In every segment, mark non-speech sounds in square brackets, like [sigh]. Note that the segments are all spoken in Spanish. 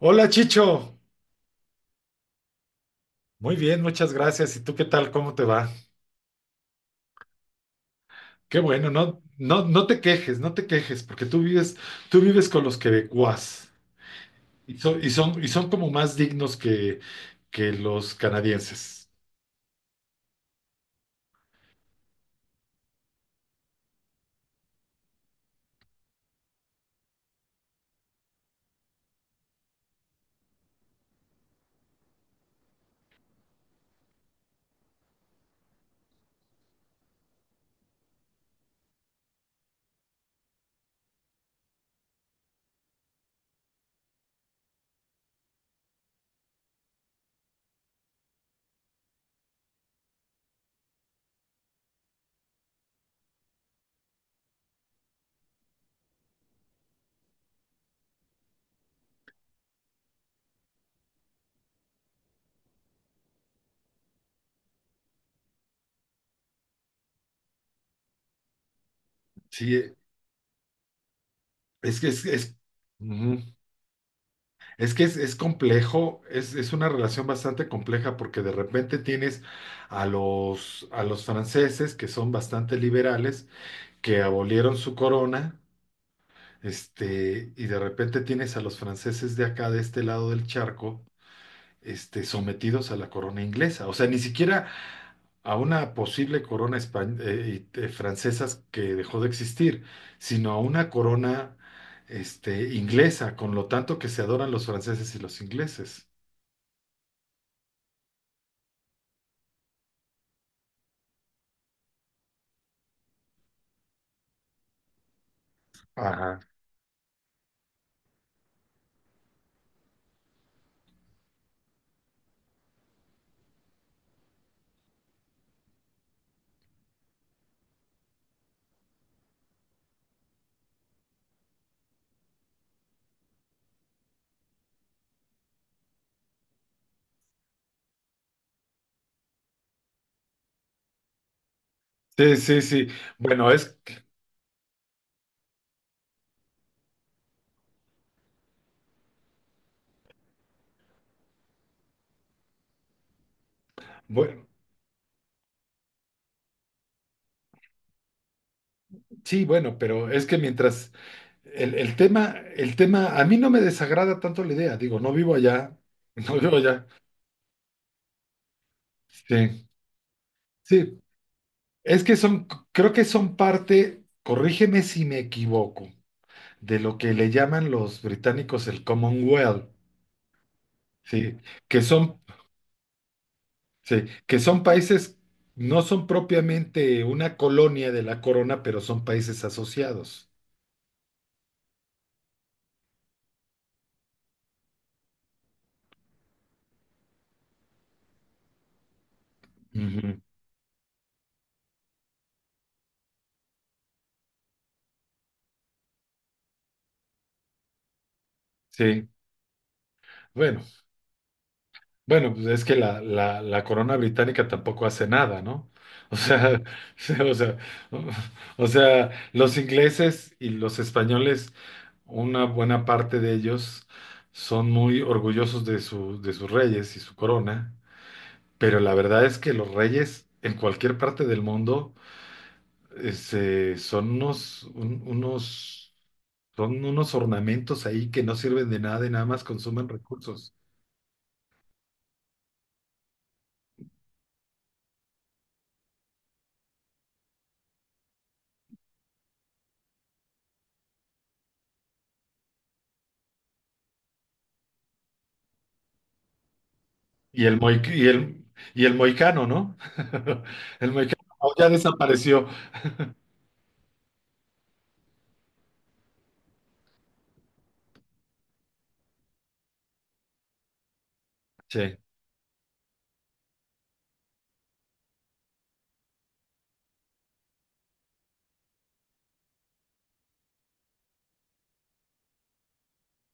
Hola Chicho, muy bien, muchas gracias. ¿Y tú qué tal? ¿Cómo te va? Qué bueno, no, no, no te quejes, no te quejes, porque tú vives con los quebecuas y son, y son, y son como más dignos que los canadienses. Sí, es que es, ujú. Es que es complejo, es una relación bastante compleja porque de repente tienes a los franceses que son bastante liberales, que abolieron su corona. Y de repente tienes a los franceses de acá, de este lado del charco, sometidos a la corona inglesa. O sea, ni siquiera a una posible corona francesa que dejó de existir, sino a una corona, inglesa, con lo tanto que se adoran los franceses y los ingleses. Ajá. Sí, sí, sí. Bueno, es, bueno, sí, bueno, pero es que mientras el tema, a mí no me desagrada tanto la idea, digo, no vivo allá, [laughs] no vivo allá. Sí. Sí, es que son, creo que son parte, corrígeme si me equivoco, de lo que le llaman los británicos el Commonwealth, sí, que son, sí, que son países, no son propiamente una colonia de la corona, pero son países asociados. Ujú, sí, bueno, bueno, pues es que la corona británica tampoco hace nada, ¿no? O sea, [laughs] o sea, o sea, los ingleses y los españoles, una buena parte de ellos son muy orgullosos de su, de sus reyes y su corona, pero la verdad es que los reyes en cualquier parte del mundo son unos, unos, son unos ornamentos ahí que no sirven de nada y nada más consumen recursos. Y el, y el, y el moicano, ¿no? [laughs] El moicano oh, ya desapareció. Sí,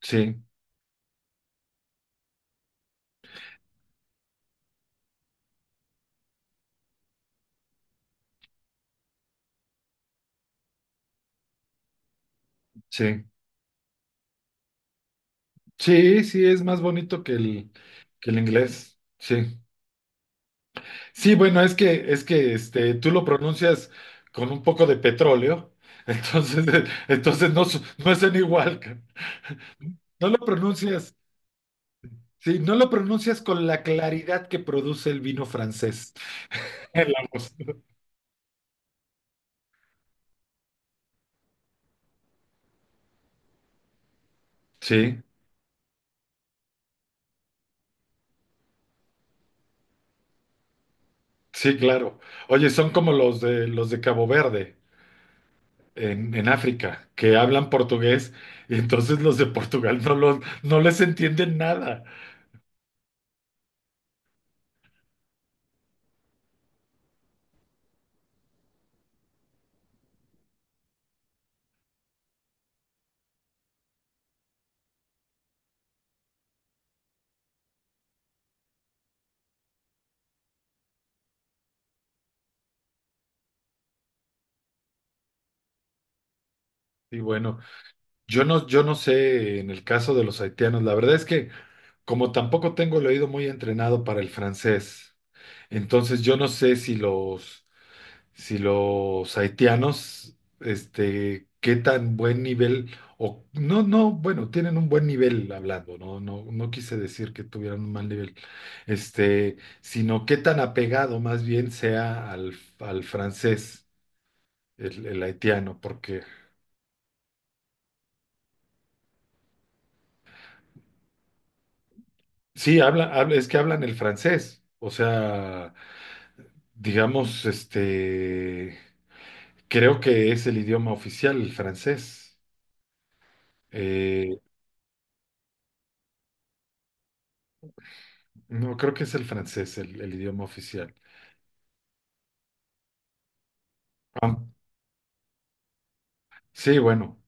sí, sí. Sí, sí, es más bonito que el inglés. Sí. Sí, bueno, es que tú lo pronuncias con un poco de petróleo, entonces, [laughs] entonces no, no es en igual. Ca- No lo pronuncias, sí, no lo pronuncias con la claridad que produce el vino francés [laughs] en la voz. Sí, sí, claro. Oye, son como los de Cabo Verde, en África, que hablan portugués y entonces los de Portugal no, los, no les entienden nada. Y bueno, yo no, yo no sé en el caso de los haitianos, la verdad es que como tampoco tengo el oído muy entrenado para el francés, entonces yo no sé si los si los haitianos, qué tan buen nivel, o no, no, bueno, tienen un buen nivel hablando, no, no, no quise decir que tuvieran un mal nivel, sino qué tan apegado más bien sea al, al francés, el haitiano, porque sí, habla, es que hablan el francés, o sea, digamos, creo que es el idioma oficial, el francés. Eh, no, creo que es el francés el idioma oficial. Am- Sí, bueno,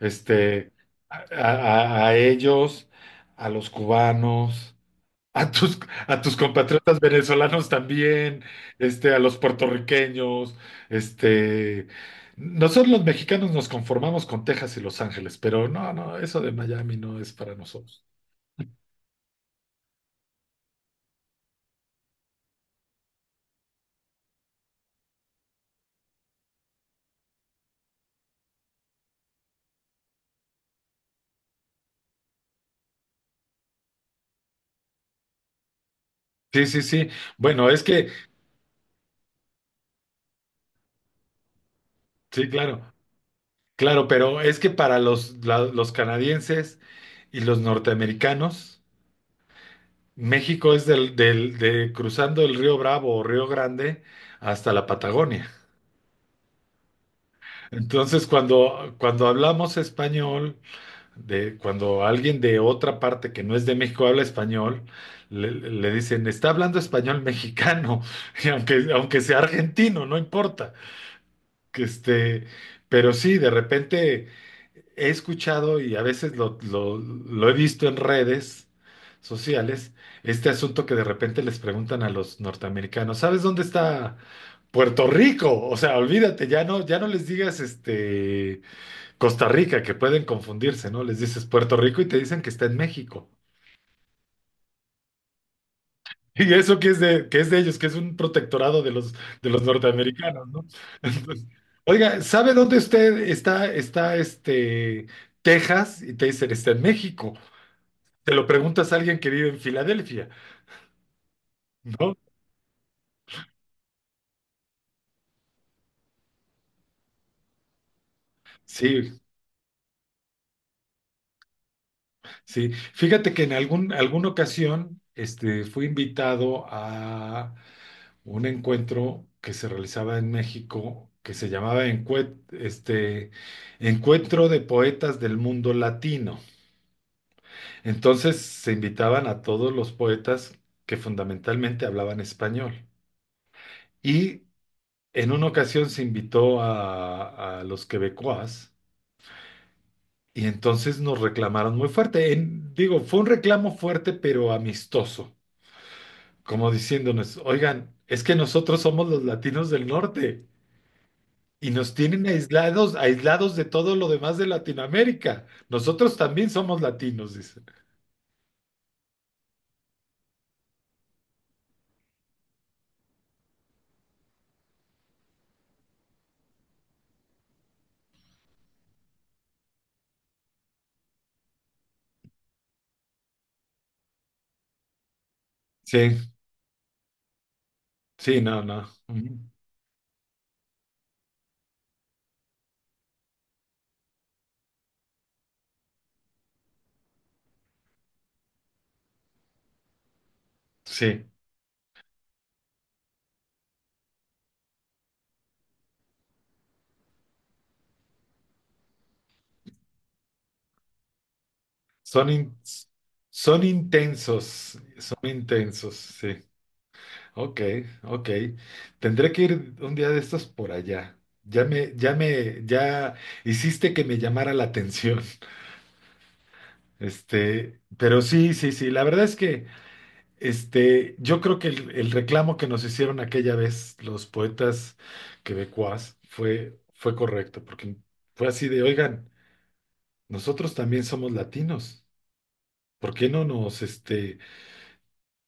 este, a, a ellos, a los cubanos, [laughs] a tus, a tus compatriotas venezolanos también, a los puertorriqueños, este, nosotros los mexicanos nos conformamos con Texas y Los Ángeles, pero no, no, eso de Miami no es para nosotros. Sí, sí, sí. Bueno, es que, sí, claro, claro, pero es que para los, los canadienses y los norteamericanos, México es del, del, de cruzando el río Bravo o Río Grande hasta la Patagonia. Entonces, cuando, cuando hablamos español, de, cuando alguien de otra parte que no es de México habla español, le dicen, está hablando español mexicano, [laughs] y aunque, aunque sea argentino, no importa. Que pero sí, de repente he escuchado y a veces lo, lo he visto en redes sociales, este asunto que de repente les preguntan a los norteamericanos, ¿sabes dónde está Puerto Rico? O sea, olvídate, ya no, ya no les digas este Costa Rica, que pueden confundirse, ¿no? Les dices Puerto Rico y te dicen que está en México. Y eso que es de ellos, que es un protectorado de los norteamericanos, ¿no? [laughs] Entonces, oiga, ¿sabe dónde usted está, está Texas? Y te dicen, está en México. Te lo preguntas a alguien que vive en Filadelfia, ¿no? Sí, sí. Fíjate que en algún, alguna ocasión fui invitado a un encuentro que se realizaba en México, que se llamaba Encuentro de Poetas del Mundo Latino. Entonces se invitaban a todos los poetas que fundamentalmente hablaban español. Y en una ocasión se invitó a los quebecois y entonces nos reclamaron muy fuerte. Digo, fue un reclamo fuerte pero amistoso, como diciéndonos, oigan, es que nosotros somos los latinos del norte y nos tienen aislados, aislados de todo lo demás de Latinoamérica. Nosotros también somos latinos, dicen. Sí, sí, no, no. Ujú. Sí. Son, in- son intensos, sí. Ok, ok. Tendré que ir un día de estos por allá. Ya me, ya me, ya hiciste que me llamara la atención. [laughs] Pero sí, sí, sí. La verdad es que, yo creo que el reclamo que nos hicieron aquella vez los poetas quebecuas fue, fue correcto, porque fue así de, oigan, nosotros también somos latinos. ¿Por qué no nos,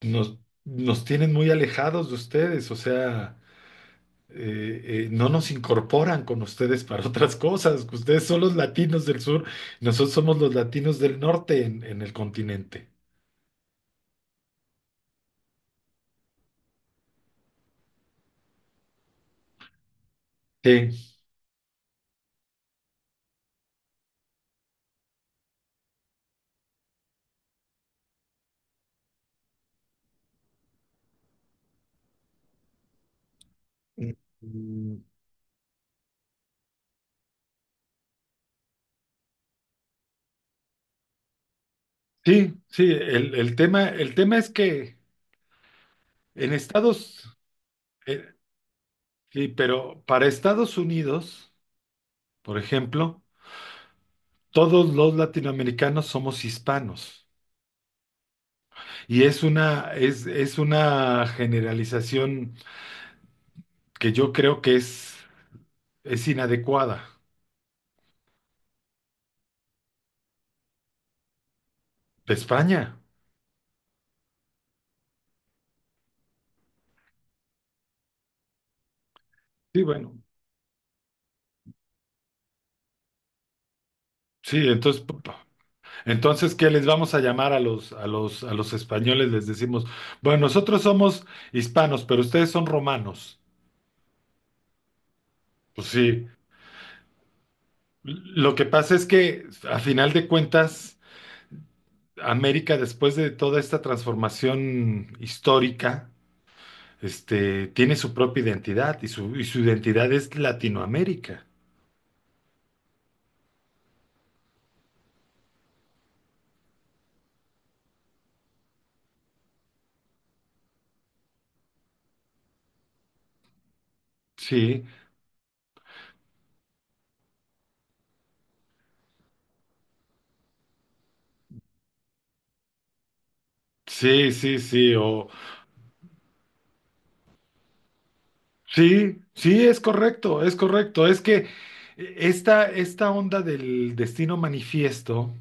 nos, nos tienen muy alejados de ustedes, o sea, no nos incorporan con ustedes para otras cosas, que ustedes son los latinos del sur, nosotros somos los latinos del norte en el continente. Sí. Mm, sí, sí, el tema es que en Estados, eh, sí, pero para Estados Unidos, por ejemplo, todos los latinoamericanos somos hispanos. Y es una generalización que yo creo que es inadecuada. De España. Sí, bueno. Sí, entonces, entonces, ¿qué les vamos a llamar a los, a los, a los españoles? Les decimos, bueno, nosotros somos hispanos, pero ustedes son romanos. Pues sí. Lo que pasa es que, a final de cuentas, América, después de toda esta transformación histórica, tiene su propia identidad y su identidad es Latinoamérica. Sí, sí, sí, sí. O, sí, sí, es correcto, es correcto. Es que esta, esta onda del destino manifiesto,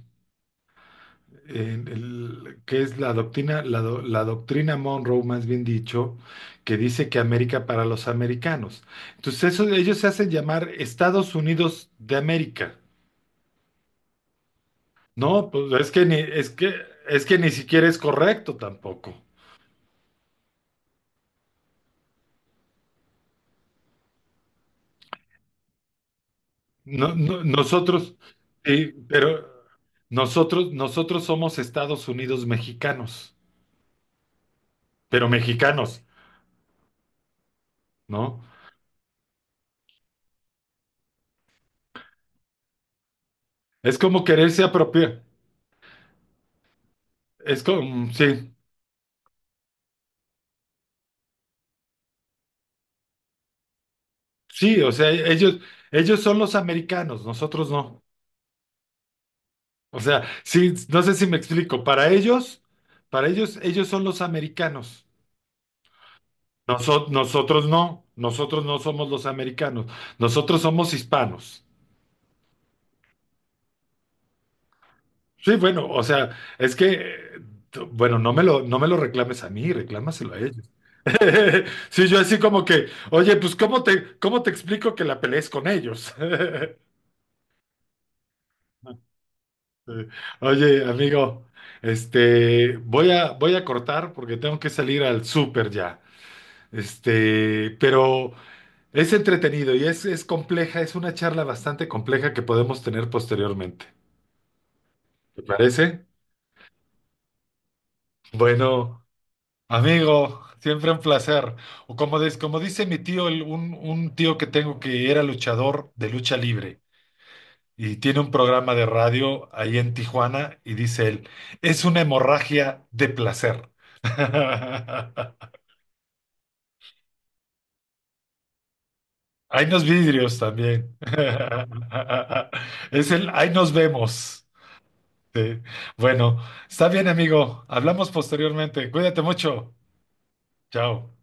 que es la doctrina, la, la doctrina Monroe, más bien dicho, que dice que América para los americanos. Entonces, eso, ellos se hacen llamar Estados Unidos de América. No, pues es que ni siquiera es correcto tampoco. No, nosotros, sí, pero nosotros somos Estados Unidos mexicanos. Pero mexicanos, ¿no? Es como quererse apropiar, es como, sí, sí, o sea, ellos son los americanos, nosotros no. O sea, sí, no sé si me explico, para ellos, ellos son los americanos. Nosotros no, nosotros no somos los americanos, nosotros somos hispanos. Sí, bueno, o sea, es que, bueno, no me lo, no me lo reclames a mí, reclámaselo a ellos. [laughs] Sí, yo así como que, oye, pues cómo te explico que la pelees con ellos? [laughs] Eh, Oye, amigo, voy a, voy a cortar porque tengo que salir al súper ya. Pero es entretenido y es compleja, es una charla bastante compleja que podemos tener posteriormente. ¿Te parece? Bueno. Amigo, siempre un placer. O como, como dice mi tío, un tío que tengo que era luchador de lucha libre y tiene un programa de radio ahí en Tijuana y dice él, es una hemorragia de placer. [laughs] Hay unos vidrios también. [laughs] Es el, ahí nos vemos. Sí. Bueno, está bien, amigo. Hablamos posteriormente. Cuídate mucho. Chao.